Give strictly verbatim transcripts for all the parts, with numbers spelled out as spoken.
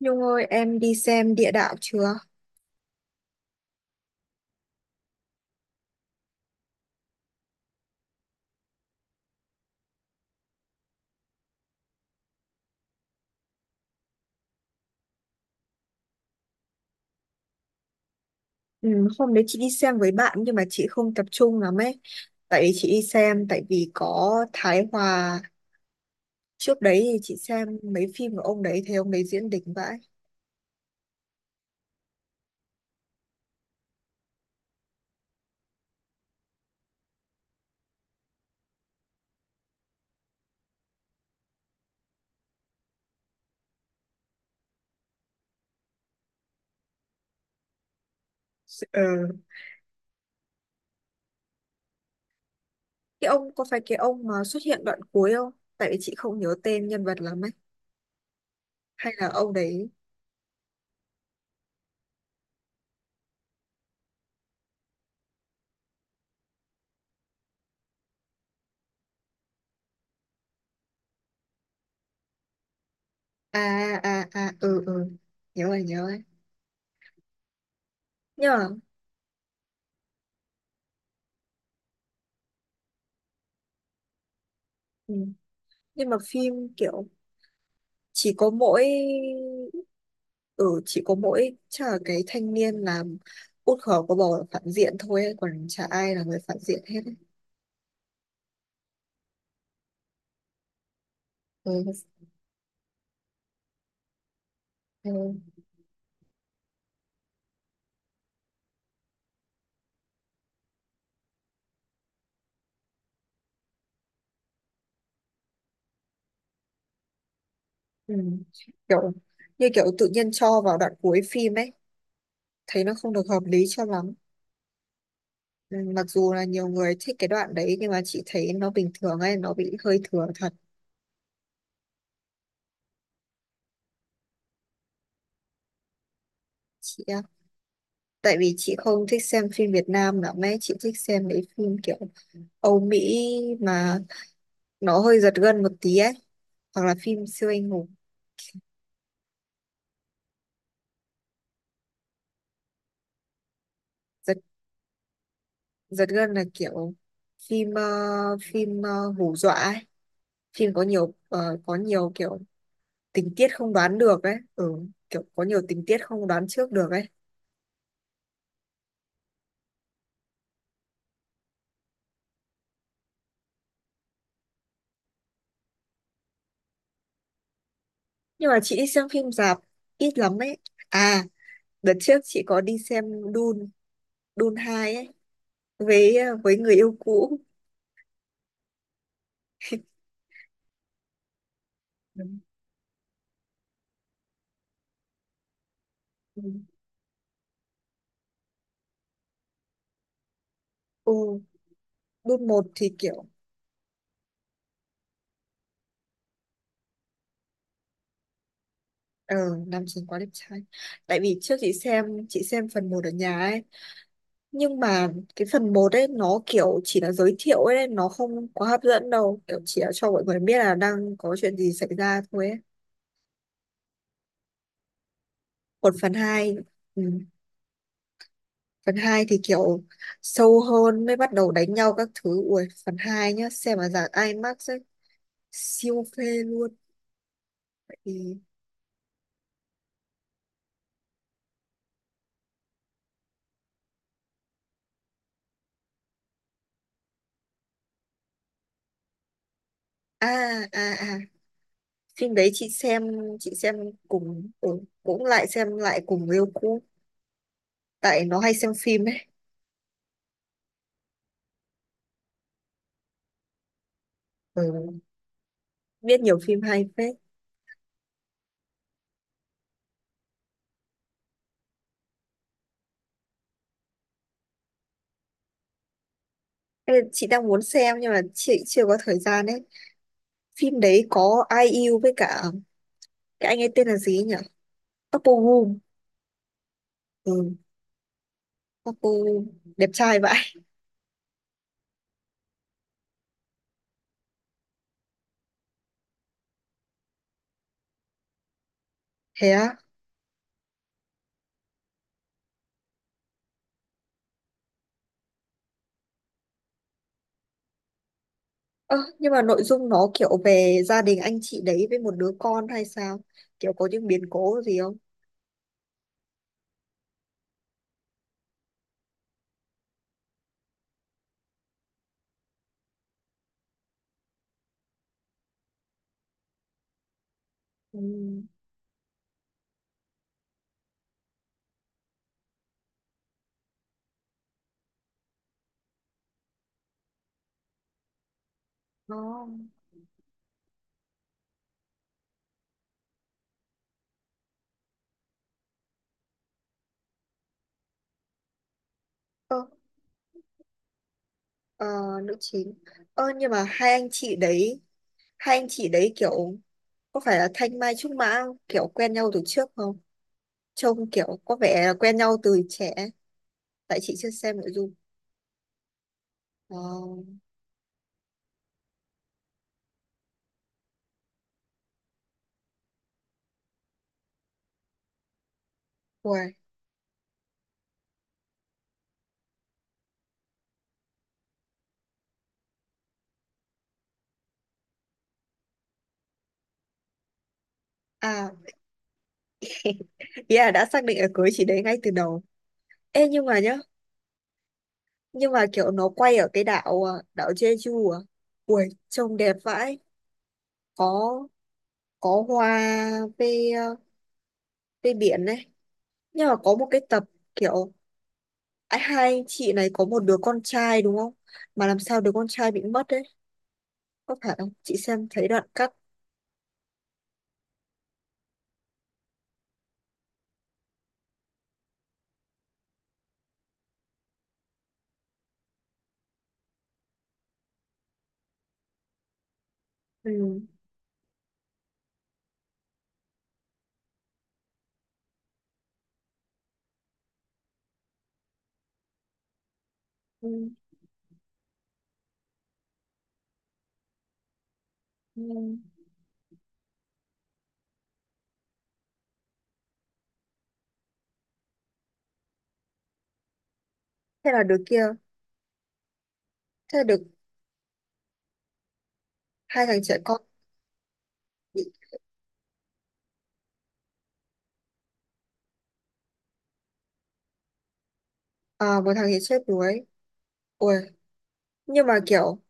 Nhung ơi, em đi xem địa đạo chưa? Ừ, hôm đấy chị đi xem với bạn nhưng mà chị không tập trung lắm ấy. Tại vì chị đi xem, tại vì có Thái Hòa. Trước đấy thì chị xem mấy phim của ông đấy, thấy ông đấy diễn đỉnh vãi. Ờ. Cái ông, có phải cái ông mà xuất hiện đoạn cuối không? Tại vì chị không nhớ tên nhân vật lắm ấy. Hay là ông đấy? À, à, à, ừ, ừ. Nhớ rồi, nhớ rồi. Nhưng mà, ừ. Nhưng mà phim kiểu chỉ có mỗi ừ chỉ có mỗi chắc là cái thanh niên làm út khó có bầu là phản diện thôi ấy, còn chả ai là người phản diện hết ấy. Ừ, ừ. Ừ. kiểu như kiểu tự nhiên cho vào đoạn cuối phim ấy, thấy nó không được hợp lý cho lắm. Ừ. Mặc dù là nhiều người thích cái đoạn đấy nhưng mà chị thấy nó bình thường ấy, nó bị hơi thừa thật. Chị ạ, tại vì chị không thích xem phim Việt Nam lắm ấy, chị thích xem mấy phim kiểu Âu Mỹ mà nó hơi giật gân một tí ấy, hoặc là phim siêu anh hùng. Giật gân là kiểu phim ờ, phim ờ, hù dọa ấy. Phim có nhiều ờ, có nhiều kiểu tình tiết không đoán được ấy. Ừ, kiểu có nhiều tình tiết không đoán trước được ấy. Nhưng mà chị đi xem phim rạp ít lắm ấy. À, đợt trước chị có đi xem Dune Dune hai ấy, với ờ, với người yêu cũ. Đúng. Ừ, ừ, Dune một thì kiểu ờ nam chính quá đẹp trai. Tại vì trước chị xem chị xem phần một ở nhà ấy, nhưng mà cái phần một ấy nó kiểu chỉ là giới thiệu ấy, nó không quá hấp dẫn đâu, kiểu chỉ là cho mọi người biết là đang có chuyện gì xảy ra thôi ấy. Còn phần hai, ừ. Phần hai thì kiểu sâu hơn, mới bắt đầu đánh nhau các thứ. Ui phần hai nhá, xem mà dạng IMAX ấy, siêu phê luôn. Thì à à à Phim đấy chị xem chị xem cùng, ừ, cũng lại xem lại cùng yêu cũ, tại nó hay xem phim ấy. Ừ, biết nhiều phim hay phết. Ê, chị đang muốn xem nhưng mà chị chưa có thời gian ấy. Phim đấy có Ai Yêu với cả cái anh ấy tên là gì ấy nhỉ, Park Bo Gum. ừ Park Bo Gum đẹp trai vậy. Thế á? Ơ nhưng mà nội dung nó kiểu về gia đình anh chị đấy với một đứa con hay sao, kiểu có những biến cố gì không? Ừ. nó ơ ờ, Nữ chính. Ơ nhưng mà hai anh chị đấy hai anh chị đấy kiểu có phải là thanh mai trúc mã không? Kiểu quen nhau từ trước không? Trông kiểu có vẻ là quen nhau từ trẻ, tại chị chưa xem nội dung. Oh, wow. À, ý là đã xác định là cưới chị đấy ngay từ đầu. Ê nhưng mà nhá, nhưng mà kiểu nó quay ở cái đảo à, đảo Jeju à. Ui trông đẹp vãi, có có hoa, về à, về biển này. Nhưng mà có một cái tập kiểu à, hai anh chị này có một đứa con trai đúng không, mà làm sao đứa con trai bị mất đấy? Có phải không, chị xem thấy đoạn cắt. Ừ. Ừ. Ừ. thế là đứa kia thế là được Hai thằng trẻ con bị à, một thằng thì chết đuối. Ôi, nhưng mà kiểu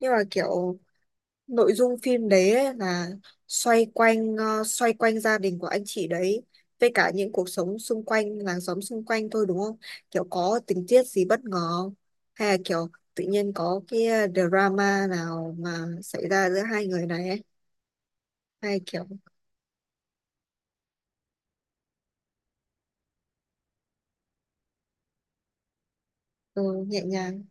nhưng mà kiểu nội dung phim đấy ấy là xoay quanh ờ, xoay quanh gia đình của anh chị đấy, với cả những cuộc sống xung quanh, làng xóm xung quanh thôi đúng không? Kiểu có tình tiết gì bất ngờ không? Hay là kiểu tự nhiên có cái ờ, drama nào mà xảy ra giữa hai người này ấy? Hay kiểu Ừ, nhẹ nhàng.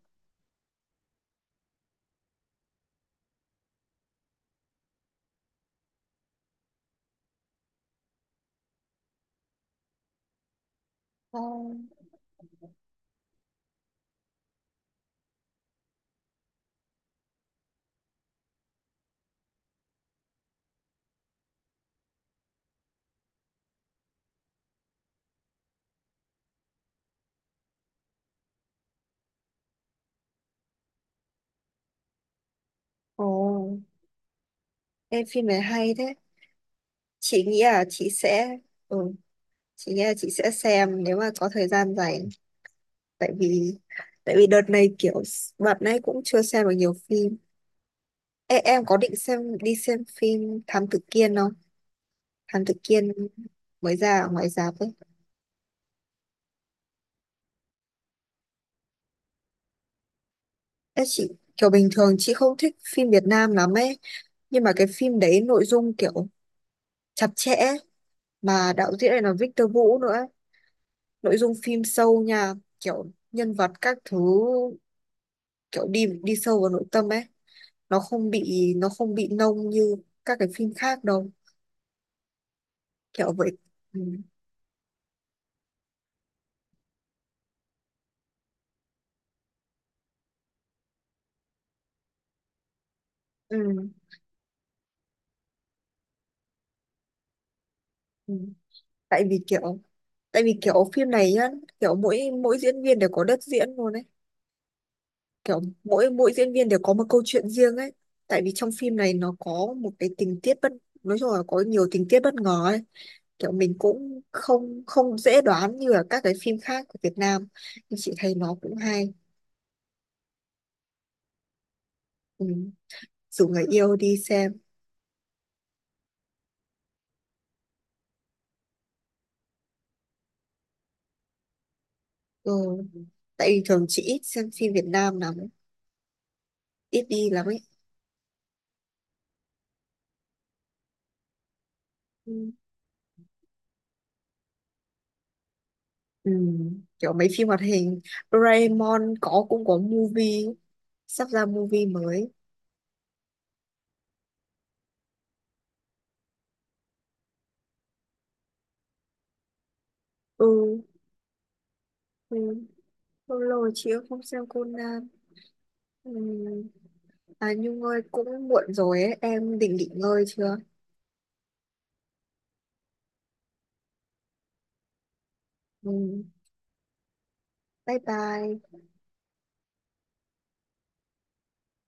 Ồ, ồ, em phim này hay thế. Chị nghĩ là chị sẽ ừ, chị nghĩ là chị sẽ xem nếu mà có thời gian rảnh. tại vì tại vì đợt này kiểu s- đợt này cũng chưa xem được nhiều phim. Ê, em có định xem đi xem phim Thám Tử Kiên không? Thám Tử Kiên mới ra ở ngoài rạp ấy. Ê, chị kiểu bình thường chị không thích phim Việt Nam lắm ấy, nhưng mà cái phim đấy nội dung kiểu chặt chẽ, mà đạo diễn này là Victor Vũ nữa ấy. Nội dung phim sâu nha, kiểu nhân vật các thứ, kiểu đi đi sâu vào nội tâm ấy, nó không bị nó không bị nông như các cái phim khác đâu, kiểu vậy. Ừ. Ừ. Ừ. tại vì kiểu tại vì kiểu phim này nhá, kiểu mỗi mỗi diễn viên đều có đất diễn luôn ấy, kiểu mỗi mỗi diễn viên đều có một câu chuyện riêng ấy. Tại vì trong phim này nó có một cái tình tiết bất nói chung là có nhiều tình tiết bất ngờ ấy, kiểu mình cũng không không dễ đoán như là các cái phim khác của Việt Nam, nhưng chị thấy nó cũng hay. Ừ, rủ người yêu đi xem. Ừ, tại vì thường chị ít xem phim Việt Nam lắm ấy, ít đi lắm ấy. Ừ. Ừ, kiểu mấy phim hoạt hình Doraemon có cũng có movie, sắp ra movie mới. Ừ, ừ. Lâu rồi chị cũng không xem Conan. Ừ. À Nhung ơi, cũng muộn rồi ấy, em định nghỉ ngơi chưa? Ừ. Bye bye.